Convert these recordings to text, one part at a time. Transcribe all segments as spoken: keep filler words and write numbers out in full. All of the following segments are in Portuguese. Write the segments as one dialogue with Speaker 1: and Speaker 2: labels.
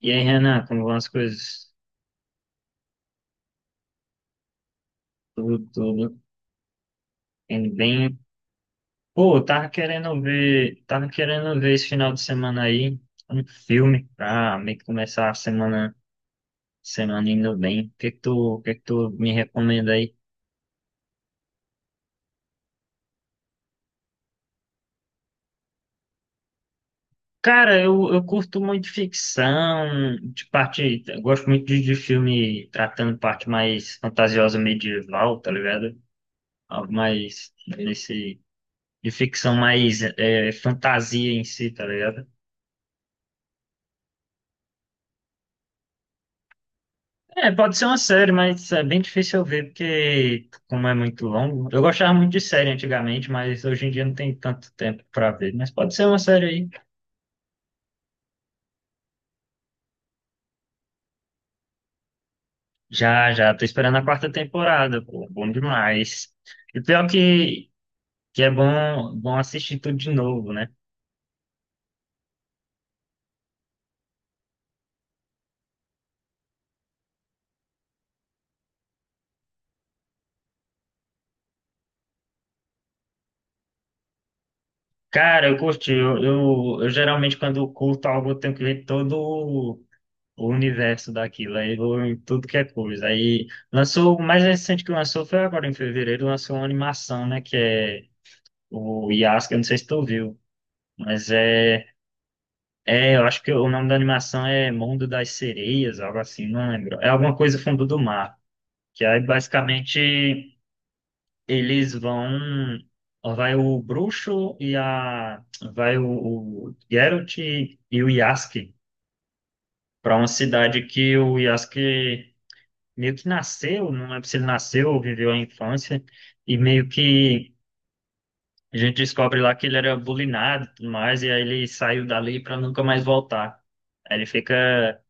Speaker 1: E aí, Renan, como vão as coisas? Tudo, tudo. Indo bem. Pô, eu tava querendo ver, tava querendo ver esse final de semana aí um filme pra meio que começar a semana, semana indo bem. O que que tu, o que que tu me recomenda aí? Cara, eu, eu curto muito ficção, de parte, eu gosto muito de, de filme tratando parte mais fantasiosa medieval, tá ligado? Algo mais nesse, de ficção mais é, fantasia em si, tá ligado? É, pode ser uma série, mas é bem difícil eu ver, porque como é muito longo. Eu gostava muito de série antigamente, mas hoje em dia não tem tanto tempo pra ver. Mas pode ser uma série aí. Já, já, tô esperando a quarta temporada, pô, bom demais. E pior que, que é bom, bom assistir tudo de novo, né? Cara, eu curti. Eu, eu, eu geralmente, quando eu curto algo, eu tenho que ver todo o o universo daquilo. Aí eu vou em tudo que é coisa. Aí lançou, o mais recente que lançou foi agora em fevereiro, lançou uma animação, né? Que é o Yasuke, eu não sei se tu viu, mas é, é, eu acho que o nome da animação é Mundo das Sereias, algo assim, não lembro. É alguma coisa fundo do mar, que aí basicamente eles vão, vai o bruxo e a, vai o, o Geralt e, e o Yasuke para uma cidade que o Yasuke meio que nasceu, não lembro se ele nasceu ou viveu a infância, e meio que a gente descobre lá que ele era bulinado e tudo mais, e aí ele saiu dali pra nunca mais voltar. Aí ele fica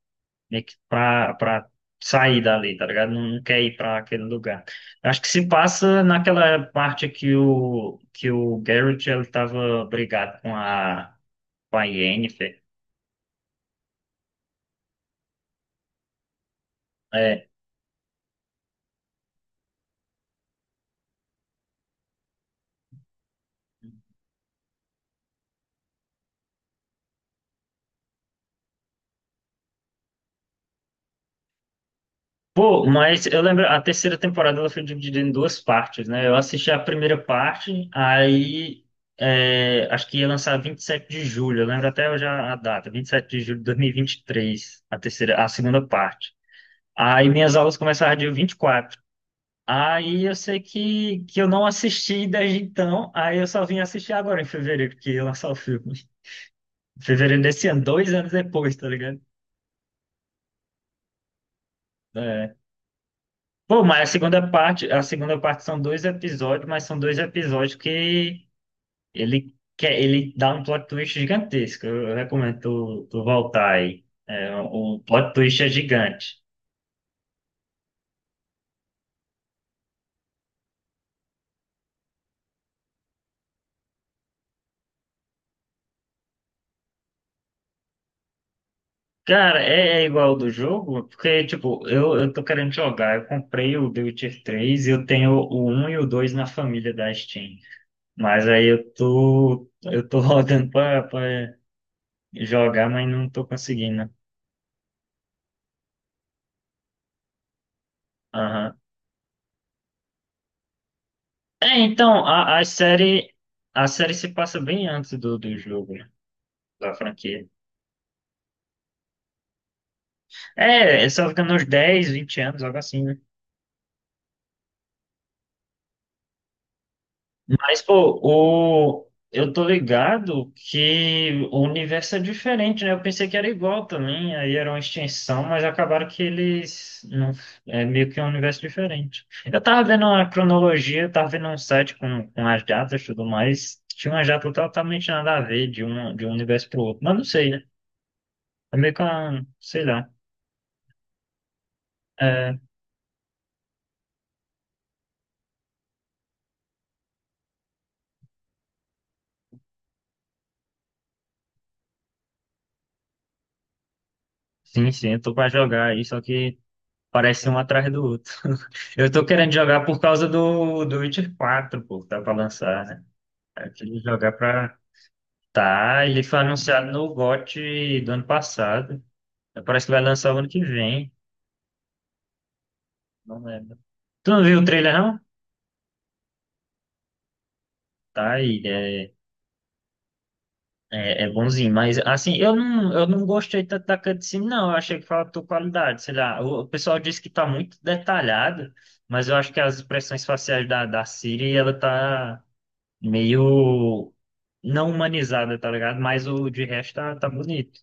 Speaker 1: meio que pra, pra sair dali, tá ligado? Não, não quer ir pra aquele lugar. Acho que se passa naquela parte que o, que o Garrett ele tava brigado com a, com a Yennefer. É, pô, mas eu lembro, a terceira temporada ela foi dividida em duas partes, né? Eu assisti a primeira parte, aí é, acho que ia lançar vinte e sete de julho, eu lembro até já a data, vinte e sete de julho de dois mil e e vinte e três a terceira, a segunda parte. Aí minhas aulas começaram dia vinte e quatro, aí eu sei que, que eu não assisti desde então, aí eu só vim assistir agora em fevereiro, que ia lançar o filme. Fevereiro desse ano, dois anos depois, tá ligado? É. Pô, mas a segunda parte, a segunda parte são dois episódios, mas são dois episódios que ele quer, ele dá um plot twist gigantesco. Eu recomendo tu, tu voltar aí. É, o plot twist é gigante. Cara, é, é igual ao do jogo, porque, tipo, eu, eu tô querendo jogar. Eu comprei o The Witcher três e eu tenho o um e o dois na família da Steam. Mas aí eu tô, eu tô rodando pra, pra jogar, mas não tô conseguindo. É, então, a, a série a série se passa bem antes do, do jogo, né? Da franquia. É, só fica nos dez, vinte anos, algo assim, né? Mas, pô, o, eu tô ligado que o universo é diferente, né? Eu pensei que era igual também, aí era uma extensão, mas acabaram que eles... Não, é meio que um universo diferente. Eu tava vendo a cronologia, eu tava vendo um site com, com as datas e tudo mais, tinha uma data totalmente nada a ver de um, de um universo pro outro, mas não sei, né? É meio que uma, sei lá. É, sim, sim, eu tô pra jogar aí, só que parece um atrás do outro. Eu tô querendo jogar por causa do, do Witcher quatro, pô, que tá pra lançar, né? Eu queria jogar pra. Tá, ele foi anunciado no G O T do ano passado. Parece que vai lançar o ano que vem. Não lembro. Tu não viu o trailer, não? Tá aí, é. É, é bonzinho, mas assim, eu não, eu não gostei tanto da cutscene, não. Eu achei que faltou qualidade, sei lá. O, o pessoal disse que tá muito detalhado, mas eu acho que as expressões faciais da, da Siri, ela tá meio não humanizada, tá ligado? Mas o de resto tá, tá bonito.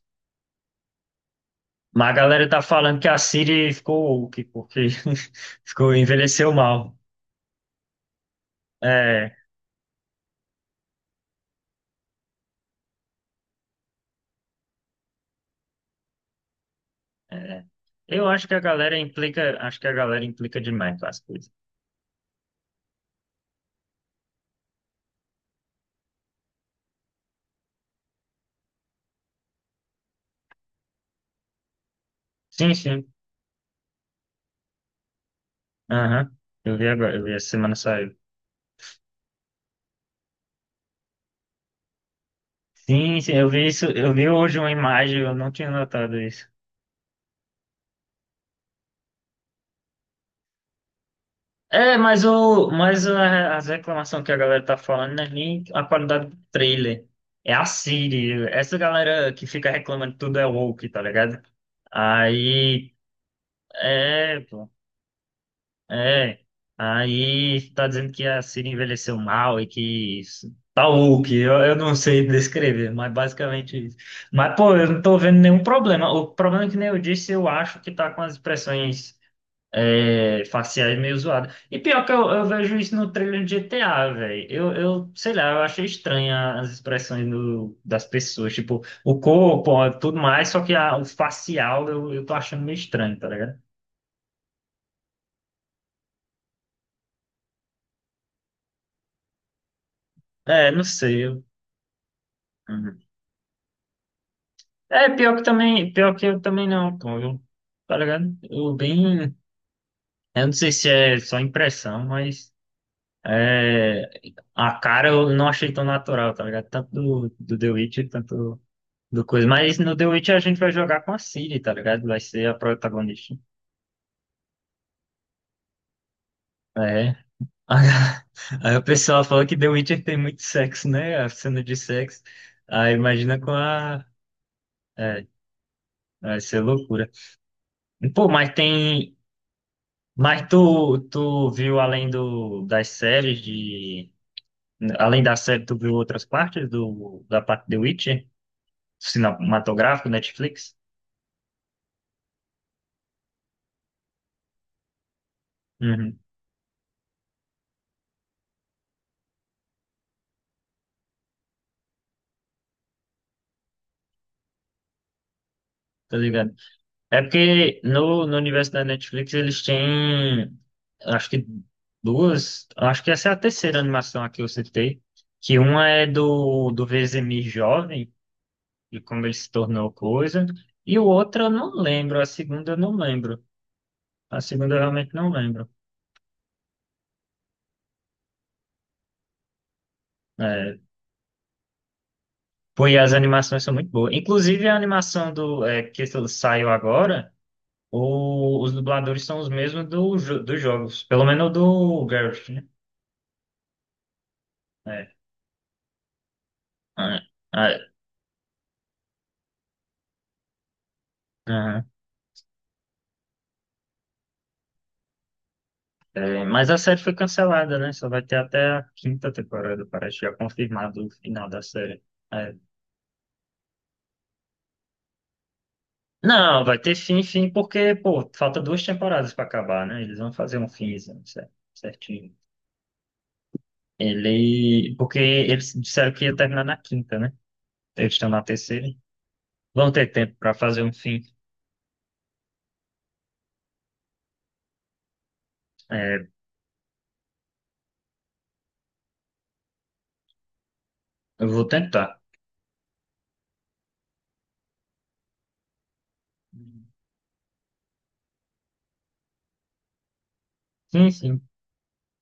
Speaker 1: Mas a galera tá falando que a Siri ficou woke, porque ficou, envelheceu mal. É, é. Eu acho que a galera implica, acho que a galera implica demais com as coisas. Sim, sim. Aham, eu vi agora, eu vi essa semana saiu. Sim, sim, eu vi isso, eu vi hoje uma imagem, eu não tinha notado isso. É, mas o, mas a- as reclamações que a galera tá falando não é nem a qualidade do trailer. É a Siri. Essa galera que fica reclamando que tudo é woke, tá ligado? Aí, é. É, aí tá dizendo que a Siri envelheceu mal e que isso- tá o que eu, eu não sei descrever, mas basicamente isso. Mas, pô, eu não tô vendo nenhum problema. O problema é que nem eu disse, eu acho que tá com as expressões é, faciais meio zoadas. E pior que eu, eu vejo isso no trailer de G T A, velho. Eu, eu, sei lá, eu achei estranha as expressões do, das pessoas, tipo, o corpo, ó, tudo mais, só que a- o facial eu, eu tô achando meio estranho, tá ligado? É, não sei. Eu- uhum. É, pior que também, pior que eu também não, pô, eu, tá ligado? Eu bem, eu não sei se é só impressão, mas é, a cara eu não achei tão natural, tá ligado? Tanto do, do The Witcher, tanto do coisa, mas no The Witcher a gente vai jogar com a Ciri, tá ligado? Vai ser a protagonista. É. Aí aí o pessoal fala que The Witcher tem muito sexo, né? A cena de sexo. Aí imagina com a... É, vai ser loucura. Pô, mas tem... Mas tu, tu viu além do, das séries de. Além da série, tu viu outras partes do, da parte de Witcher? Cinematográfico, Netflix? Uhum, tá ligado? É porque no, no universo da Netflix eles têm. Acho que duas. Acho que essa é a terceira animação aqui que eu citei. Que uma é do, do Vezemir jovem, e como ele se tornou coisa. E o outro eu não lembro. A segunda eu não lembro. A segunda eu realmente não lembro. É, pô, e as animações são muito boas. Inclusive, a animação do, é, que saiu agora, o- os dubladores são os mesmos do, jo- dos jogos. Pelo menos do Garrett, né? É. Ah, ah, aham. É, mas a série foi cancelada, né? Só vai ter até a quinta temporada, parece já confirmado o final da série. É. Não, vai ter fim, fim, porque, pô, falta duas temporadas pra acabar, né? Eles vão fazer um fim, certinho. Ele. Porque eles disseram que ia terminar na quinta, né? Eles estão na terceira. Vão ter tempo para fazer um fim. É, eu vou tentar. Sim, sim.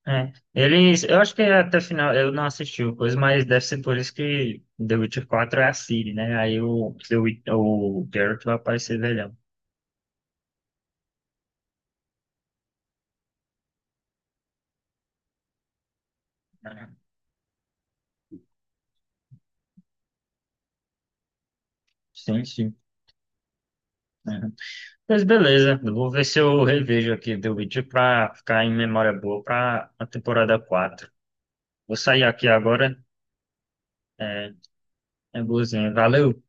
Speaker 1: É. Eles, eu acho que até o final, eu não assisti o coisa, mas deve ser por isso que The Witcher quatro é a Ciri, né? Aí o, The Wit- o Geralt vai aparecer velhão. É. Sim, sim. É. Mas beleza, eu vou ver se eu revejo aqui The Witcher pra ficar em memória boa pra a temporada quatro. Vou sair aqui agora. É, é boazinha. Valeu!